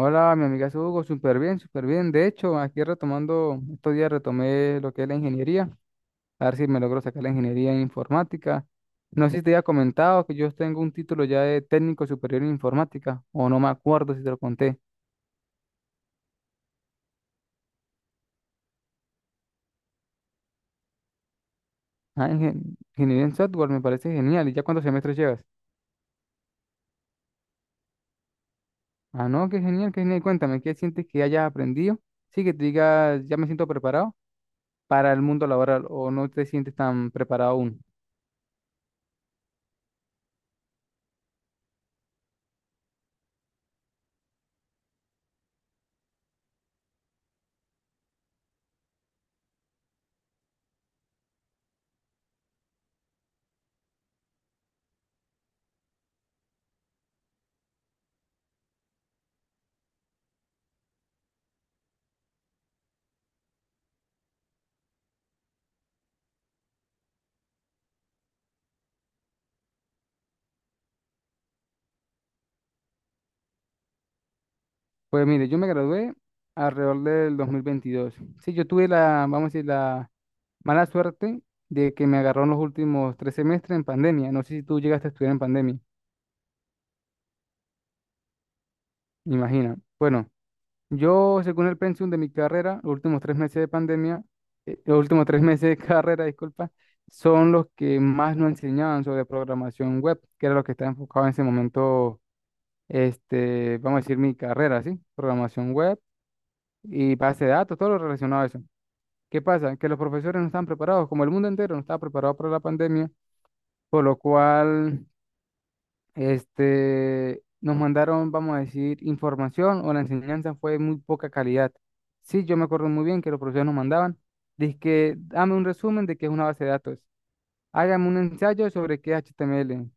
Hola, mi amiga Hugo, súper bien, súper bien. De hecho, aquí retomando, estos días retomé lo que es la ingeniería, a ver si me logro sacar la ingeniería en informática. No sé si te había comentado que yo tengo un título ya de técnico superior en informática, o no me acuerdo si te lo conté. Ah, ingeniería en software me parece genial. ¿Y ya cuántos semestres llevas? Ah, no, qué genial, qué genial. Cuéntame, ¿qué sientes que hayas aprendido? Sí, que te digas, ya me siento preparado para el mundo laboral, o no te sientes tan preparado aún. Pues mire, yo me gradué alrededor del 2022. Sí, yo tuve la, vamos a decir, la mala suerte de que me agarró en los últimos 3 semestres en pandemia. No sé si tú llegaste a estudiar en pandemia, imagina. Bueno, yo, según el pensum de mi carrera, los últimos 3 meses de pandemia, los últimos tres meses de carrera, disculpa, son los que más nos enseñaban sobre programación web, que era lo que estaba enfocado en ese momento, vamos a decir, mi carrera, ¿sí? Programación web y base de datos, todo lo relacionado a eso. ¿Qué pasa? Que los profesores no están preparados, como el mundo entero no estaba preparado para la pandemia, por lo cual nos mandaron, vamos a decir, información o la enseñanza fue de muy poca calidad. Sí, yo me acuerdo muy bien que los profesores nos mandaban, que dame un resumen de qué es una base de datos, hágame un ensayo sobre qué es HTML,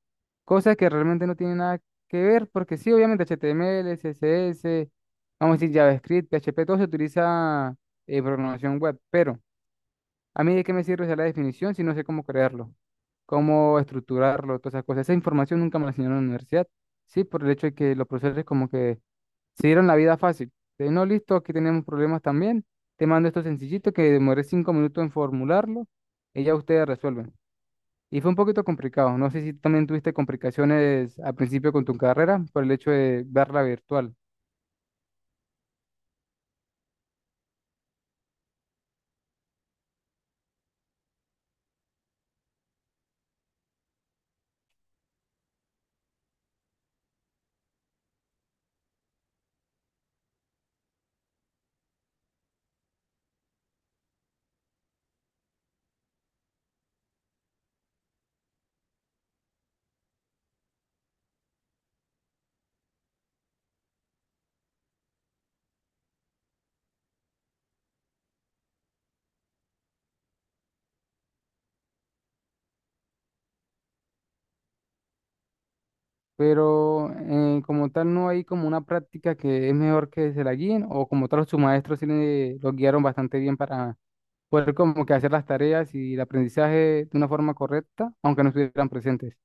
cosas que realmente no tienen nada que ver, porque sí, obviamente HTML, CSS, vamos a decir JavaScript, PHP, todo se utiliza en programación web, pero a mí de qué me sirve saber la definición si no sé cómo crearlo, cómo estructurarlo, todas esas cosas. Esa información nunca me la enseñaron en la universidad. Sí, por el hecho de que los profesores como que se dieron la vida fácil. De no, listo, aquí tenemos problemas también. Te mando esto sencillito que demoré 5 minutos en formularlo y ya ustedes resuelven. Y fue un poquito complicado. No sé si también tuviste complicaciones al principio con tu carrera por el hecho de verla virtual. Pero como tal no hay como una práctica que es mejor que se la guíen o como tal sus maestros los guiaron bastante bien para poder como que hacer las tareas y el aprendizaje de una forma correcta, aunque no estuvieran presentes.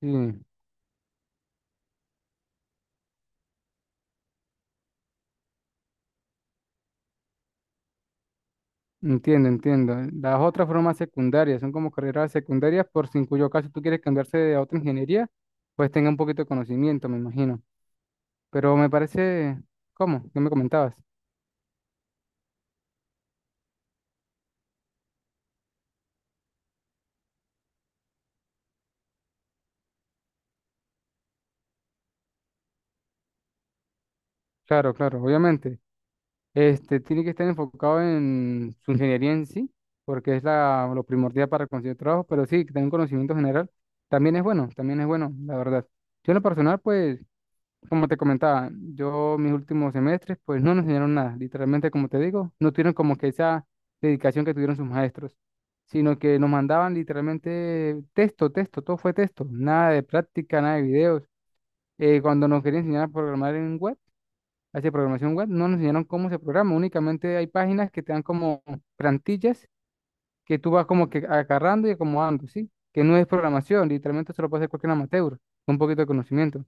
Sí, entiendo, entiendo. Las otras formas secundarias son como carreras secundarias por si en cuyo caso tú quieres cambiarse a otra ingeniería, pues tenga un poquito de conocimiento, me imagino. Pero me parece, ¿cómo? ¿Qué me comentabas? Claro, claro, obviamente. Tiene que estar enfocado en su ingeniería en sí, porque es la, lo primordial para conseguir trabajo, pero sí, que tenga un conocimiento general también es bueno, la verdad. Yo en lo personal, pues, como te comentaba, yo mis últimos semestres, pues no nos enseñaron nada, literalmente, como te digo, no tuvieron como que esa dedicación que tuvieron sus maestros, sino que nos mandaban literalmente texto, texto, todo fue texto, nada de práctica, nada de videos. Cuando nos querían enseñar a programar en web, hacia programación web, no nos enseñaron cómo se programa, únicamente hay páginas que te dan como plantillas que tú vas como que agarrando y acomodando, ¿sí? Que no es programación, literalmente se lo puede hacer cualquier amateur, con un poquito de conocimiento.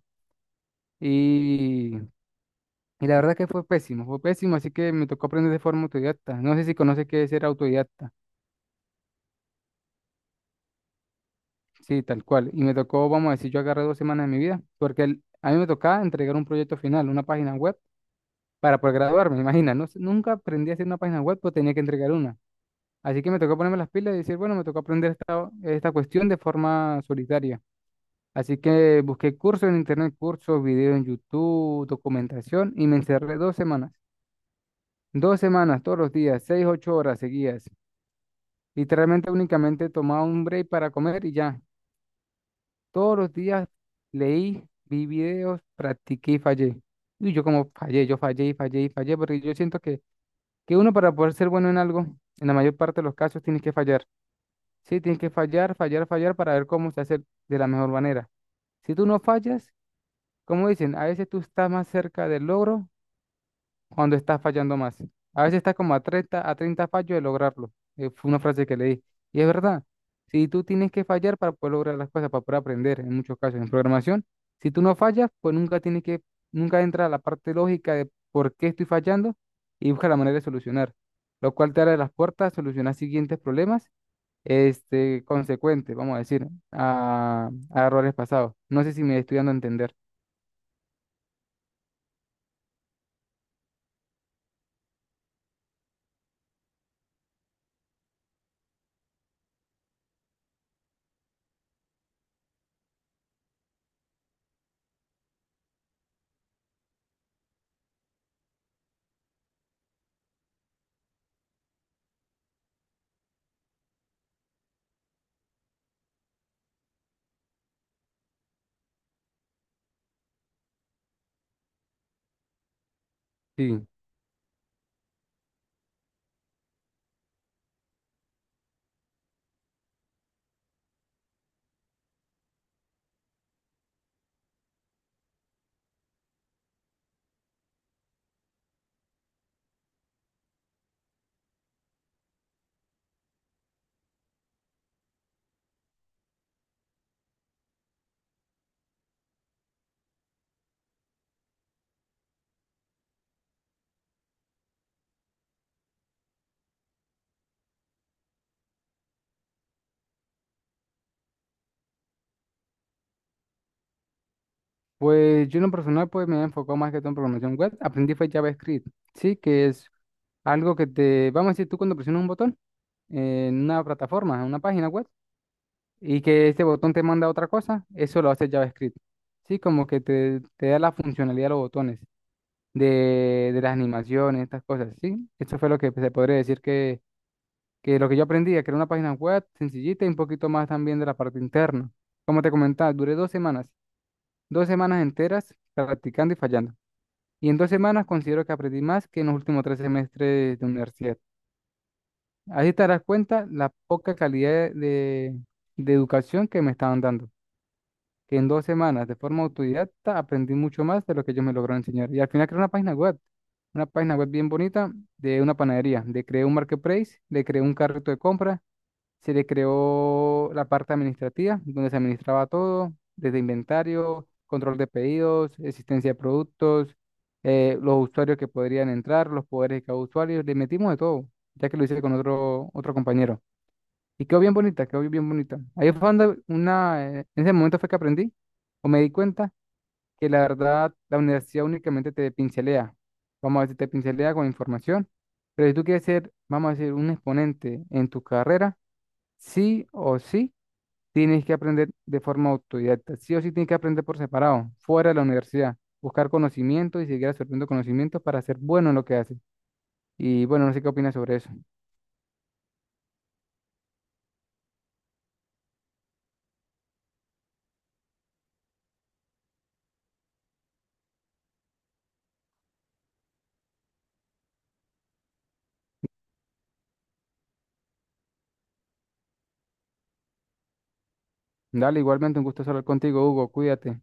Y, y la verdad que fue pésimo, así que me tocó aprender de forma autodidacta. No sé si conoces qué es ser autodidacta, sí, tal cual. Y me tocó, vamos a decir, yo agarré 2 semanas de mi vida, porque a mí me tocaba entregar un proyecto final, una página web, para poder graduarme, imagina, no, sé, nunca aprendí a hacer una página web, pues tenía que entregar una. Así que me tocó ponerme las pilas y decir, bueno, me tocó aprender esta cuestión de forma solitaria. Así que busqué cursos en internet, cursos, videos en YouTube, documentación y me encerré 2 semanas. 2 semanas, todos los días, 6, 8 horas seguidas. Literalmente únicamente tomaba un break para comer y ya. Todos los días leí, vi videos, practiqué y fallé. Y yo como fallé, yo fallé y fallé y fallé, porque yo siento que uno para poder ser bueno en algo, en la mayor parte de los casos, tienes que fallar. Sí, tienes que fallar, fallar, fallar para ver cómo se hace de la mejor manera. Si tú no fallas, como dicen, a veces tú estás más cerca del logro cuando estás fallando más. A veces estás como a 30 a 30 fallos de lograrlo. Fue una frase que leí. Y es verdad, si tú tienes que fallar para poder lograr las cosas, para poder aprender, en muchos casos en programación, si tú no fallas, pues nunca tienes que, nunca entra la parte lógica de por qué estoy fallando y busca la manera de solucionar, lo cual te abre las puertas a solucionar siguientes problemas consecuente, vamos a decir, a errores pasados. No sé si me estoy dando a entender. Sí. Pues yo en lo personal pues me he enfocado más que todo en programación web. Aprendí fue JavaScript, sí, que es algo que te, vamos a decir, tú cuando presionas un botón en una plataforma, en una página web, y que este botón te manda a otra cosa, eso lo hace JavaScript. Sí, como que te da la funcionalidad de los botones, de las animaciones, estas cosas, ¿sí? Eso fue lo que se podría decir que lo que yo aprendí a crear una página web sencillita y un poquito más también de la parte interna. Como te comentaba, duré 2 semanas, 2 semanas enteras practicando y fallando. Y en 2 semanas considero que aprendí más que en los últimos tres semestres de universidad. Ahí te darás cuenta la poca calidad de educación que me estaban dando. Que en 2 semanas, de forma autodidacta, aprendí mucho más de lo que ellos me lograron enseñar. Y al final creé una página web bien bonita de una panadería. Le creé un marketplace, le creé un carrito de compra. Se le creó la parte administrativa, donde se administraba todo, desde inventario, control de pedidos, existencia de productos, los usuarios que podrían entrar, los poderes de cada usuario. Le metimos de todo, ya que lo hice con otro compañero. Y quedó bien bonita, quedó bien bonita. Ahí fue donde en ese momento fue que aprendí o me di cuenta que la verdad la universidad únicamente te pincelea. Vamos a decir, te pincelea con información, pero si tú quieres ser, vamos a decir, un exponente en tu carrera, sí o sí tienes que aprender de forma autodidacta. Sí o sí tienes que aprender por separado, fuera de la universidad. Buscar conocimiento y seguir absorbiendo conocimientos para ser bueno en lo que haces. Y bueno, no sé qué opinas sobre eso. Dale, igualmente un gusto hablar contigo, Hugo. Cuídate.